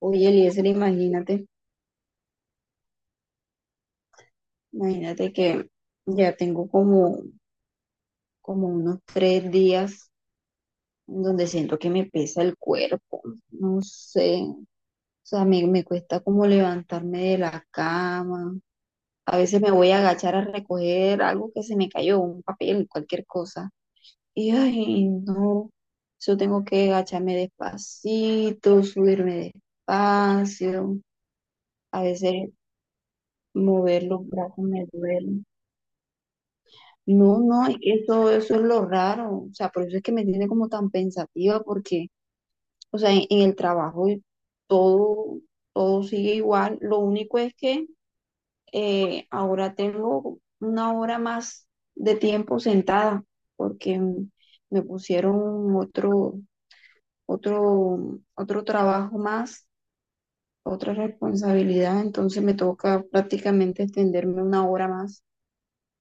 Oye, Eliezer, imagínate que ya tengo como unos 3 días donde siento que me pesa el cuerpo, no sé, o sea, me cuesta como levantarme de la cama, a veces me voy a agachar a recoger algo que se me cayó, un papel, cualquier cosa, y ay, no, yo tengo que agacharme despacito, subirme despacio, a veces mover los brazos me duele. No, no, es que eso es lo raro, o sea, por eso es que me tiene como tan pensativa, porque, o sea, en el trabajo y todo, todo sigue igual, lo único es que ahora tengo una hora más de tiempo sentada, porque me pusieron otro trabajo más, otra responsabilidad, entonces me toca prácticamente extenderme una hora más.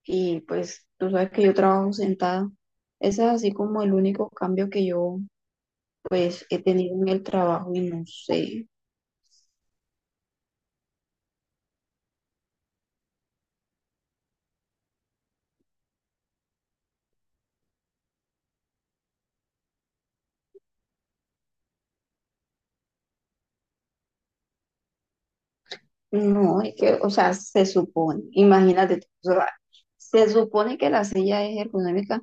Y pues tú sabes que yo trabajo sentada. Ese es así como el único cambio que yo pues he tenido en el trabajo y no sé. No, es que, o sea, se supone, imagínate, tú, o sea, se supone que la silla es ergonómica,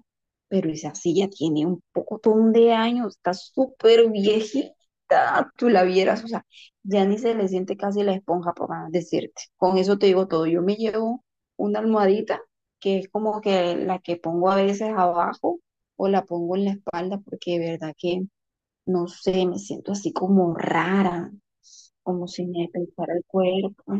pero esa silla tiene un pocotón de años, está súper viejita, tú la vieras, o sea, ya ni se le siente casi la esponja, por más decirte. Con eso te digo todo. Yo me llevo una almohadita, que es como que la que pongo a veces abajo o la pongo en la espalda, porque de verdad que, no sé, me siento así como rara, como si me pesara el cuerpo.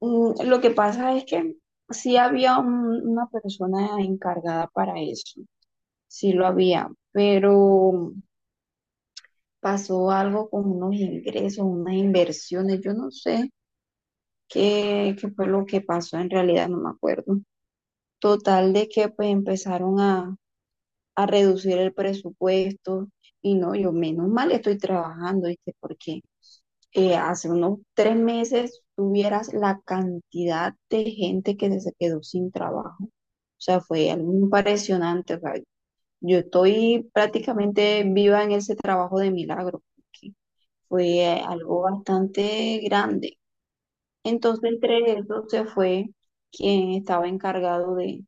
Lo que pasa es que sí había una persona encargada para eso, sí lo había, pero pasó algo con unos ingresos, unas inversiones, yo no sé qué fue lo que pasó en realidad, no me acuerdo. Total de que pues empezaron a reducir el presupuesto y no, yo menos mal estoy trabajando, ¿viste? Porque hace unos 3 meses tuvieras la cantidad de gente que se quedó sin trabajo. O sea, fue algo impresionante. O sea, yo estoy prácticamente viva en ese trabajo de milagro, porque fue algo bastante grande. Entonces, entre eso se fue quien estaba encargado de,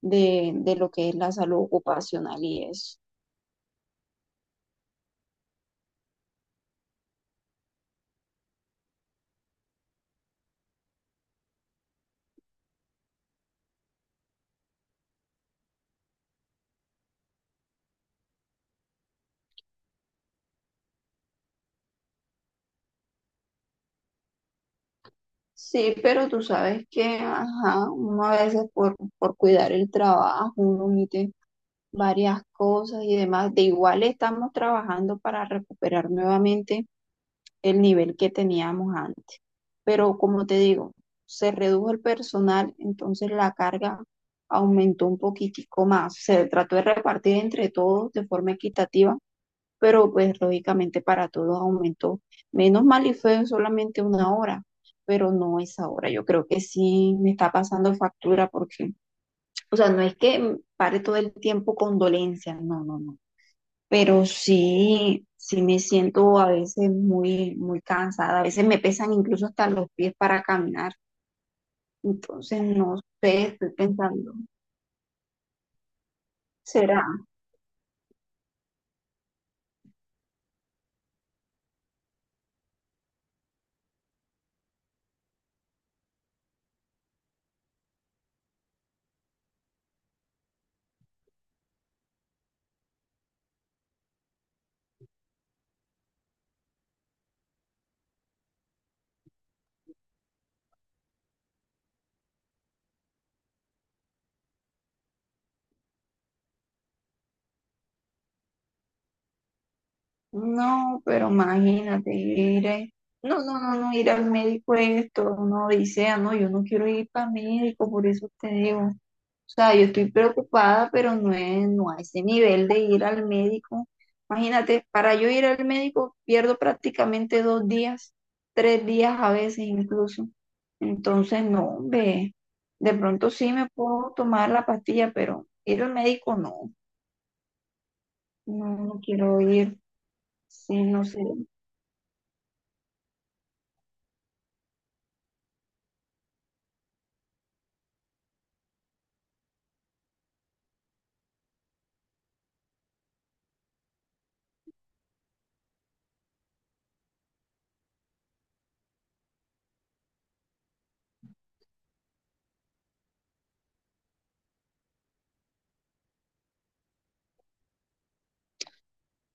de, de lo que es la salud ocupacional y eso. Sí, pero tú sabes que, ajá, uno a veces por, cuidar el trabajo, uno omite varias cosas y demás. De igual estamos trabajando para recuperar nuevamente el nivel que teníamos antes. Pero como te digo, se redujo el personal, entonces la carga aumentó un poquitico más. Se trató de repartir entre todos de forma equitativa, pero pues lógicamente para todos aumentó. Menos mal y fue solamente una hora, pero no esa hora. Yo creo que sí me está pasando factura porque... O sea, no es que pare todo el tiempo con dolencias, no, no, no. Pero sí, sí me siento a veces muy, muy cansada. A veces me pesan incluso hasta los pies para caminar. Entonces, no sé, estoy pensando, ¿será? No, pero imagínate, no, no, no, no, ir al médico esto, uno dice, ah, no, yo no quiero ir para médico, por eso te digo. O sea, yo estoy preocupada, pero no es, no a ese nivel de ir al médico. Imagínate, para yo ir al médico pierdo prácticamente 2 días, 3 días a veces incluso. Entonces, no, hombre, de pronto sí me puedo tomar la pastilla, pero ir al médico no, no, no quiero ir. Sí, no sé,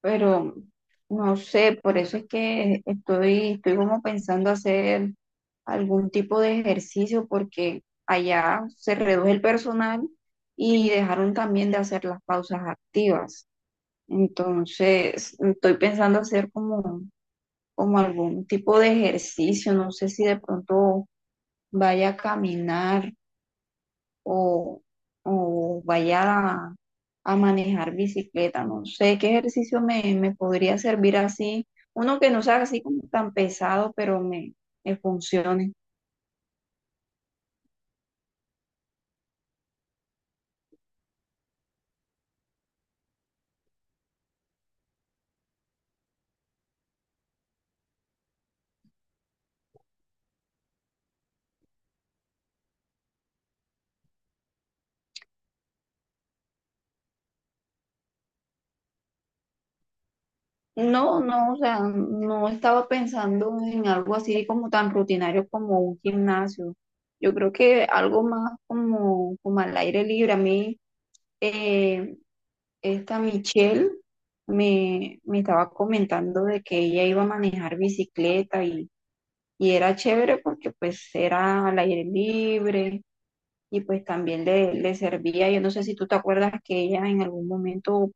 pero no sé, por eso es que estoy como pensando hacer algún tipo de ejercicio porque allá se reduce el personal y dejaron también de hacer las pausas activas. Entonces, estoy pensando hacer como, como algún tipo de ejercicio, no sé si de pronto vaya a caminar o, o vaya a manejar bicicleta. No sé qué ejercicio me podría servir así, uno que no sea así como tan pesado, pero me funcione. No, no, o sea, no estaba pensando en algo así como tan rutinario como un gimnasio. Yo creo que algo más como al aire libre. A mí, eh, esta Michelle me estaba comentando de que ella iba a manejar bicicleta y era chévere porque pues era al aire libre y pues también le servía. Yo no sé si tú te acuerdas que ella en algún momento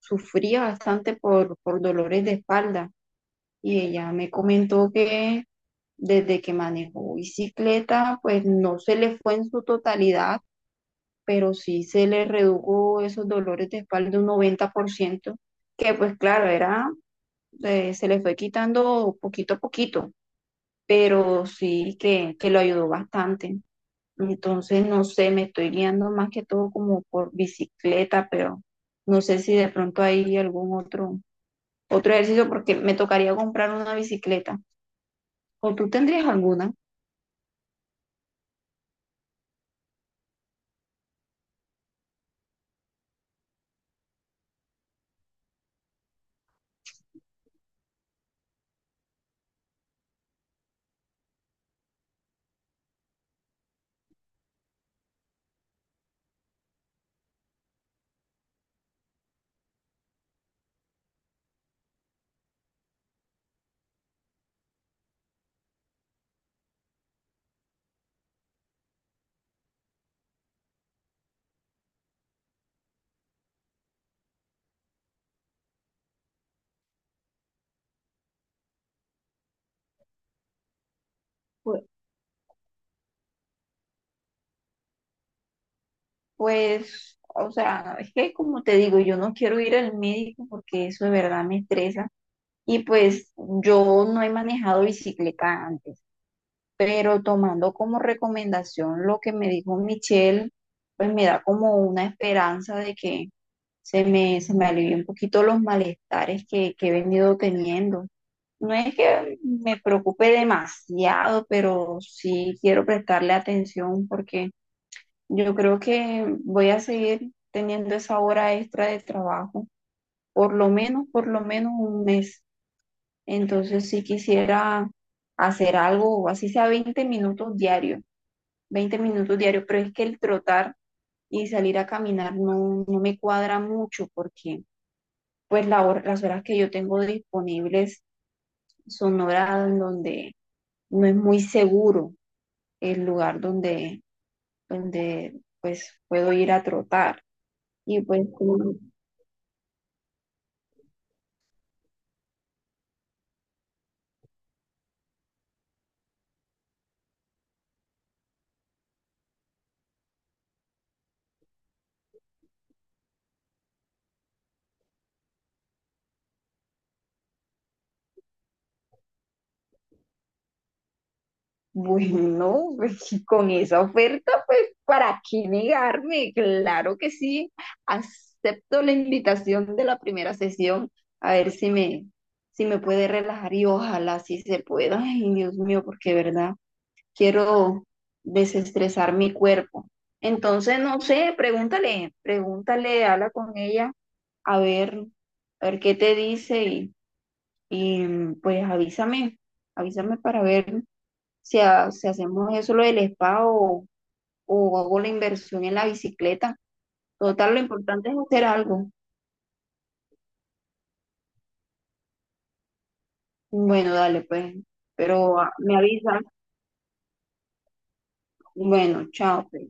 sufría bastante por, dolores de espalda y ella me comentó que desde que manejó bicicleta pues no se le fue en su totalidad, pero sí se le redujo esos dolores de espalda un 90% que pues claro, era, se le fue quitando poquito a poquito pero sí que lo ayudó bastante. Entonces, no sé, me estoy guiando más que todo como por bicicleta, pero no sé si de pronto hay algún otro, otro ejercicio porque me tocaría comprar una bicicleta. ¿O tú tendrías alguna? Pues, pues, o sea, es que como te digo, yo no quiero ir al médico porque eso de verdad me estresa. Y pues yo no he manejado bicicleta antes. Pero tomando como recomendación lo que me dijo Michelle, pues me da como una esperanza de que se me alivie un poquito los malestares que he venido teniendo. No es que me preocupe demasiado, pero sí quiero prestarle atención porque yo creo que voy a seguir teniendo esa hora extra de trabajo, por lo menos un mes. Entonces sí quisiera hacer algo, así sea 20 minutos diarios 20 minutos diarios, pero es que el trotar y salir a caminar no, no me cuadra mucho porque pues las horas que yo tengo disponibles son horas en donde no es muy seguro el lugar donde, donde pues puedo ir a trotar. Y pues como- Bueno, pues si con esa oferta, pues ¿para qué negarme? Claro que sí. Acepto la invitación de la primera sesión. A ver si me, si me puede relajar y ojalá sí se pueda. Ay, Dios mío, porque de verdad, quiero desestresar mi cuerpo. Entonces, no sé, pregúntale, pregúntale, habla con ella, a ver, a ver qué te dice y pues avísame, avísame para ver si, si hacemos eso lo del spa o hago la inversión en la bicicleta. Total, lo importante es hacer algo. Bueno, dale, pues, pero me avisas. Bueno, chao, pues.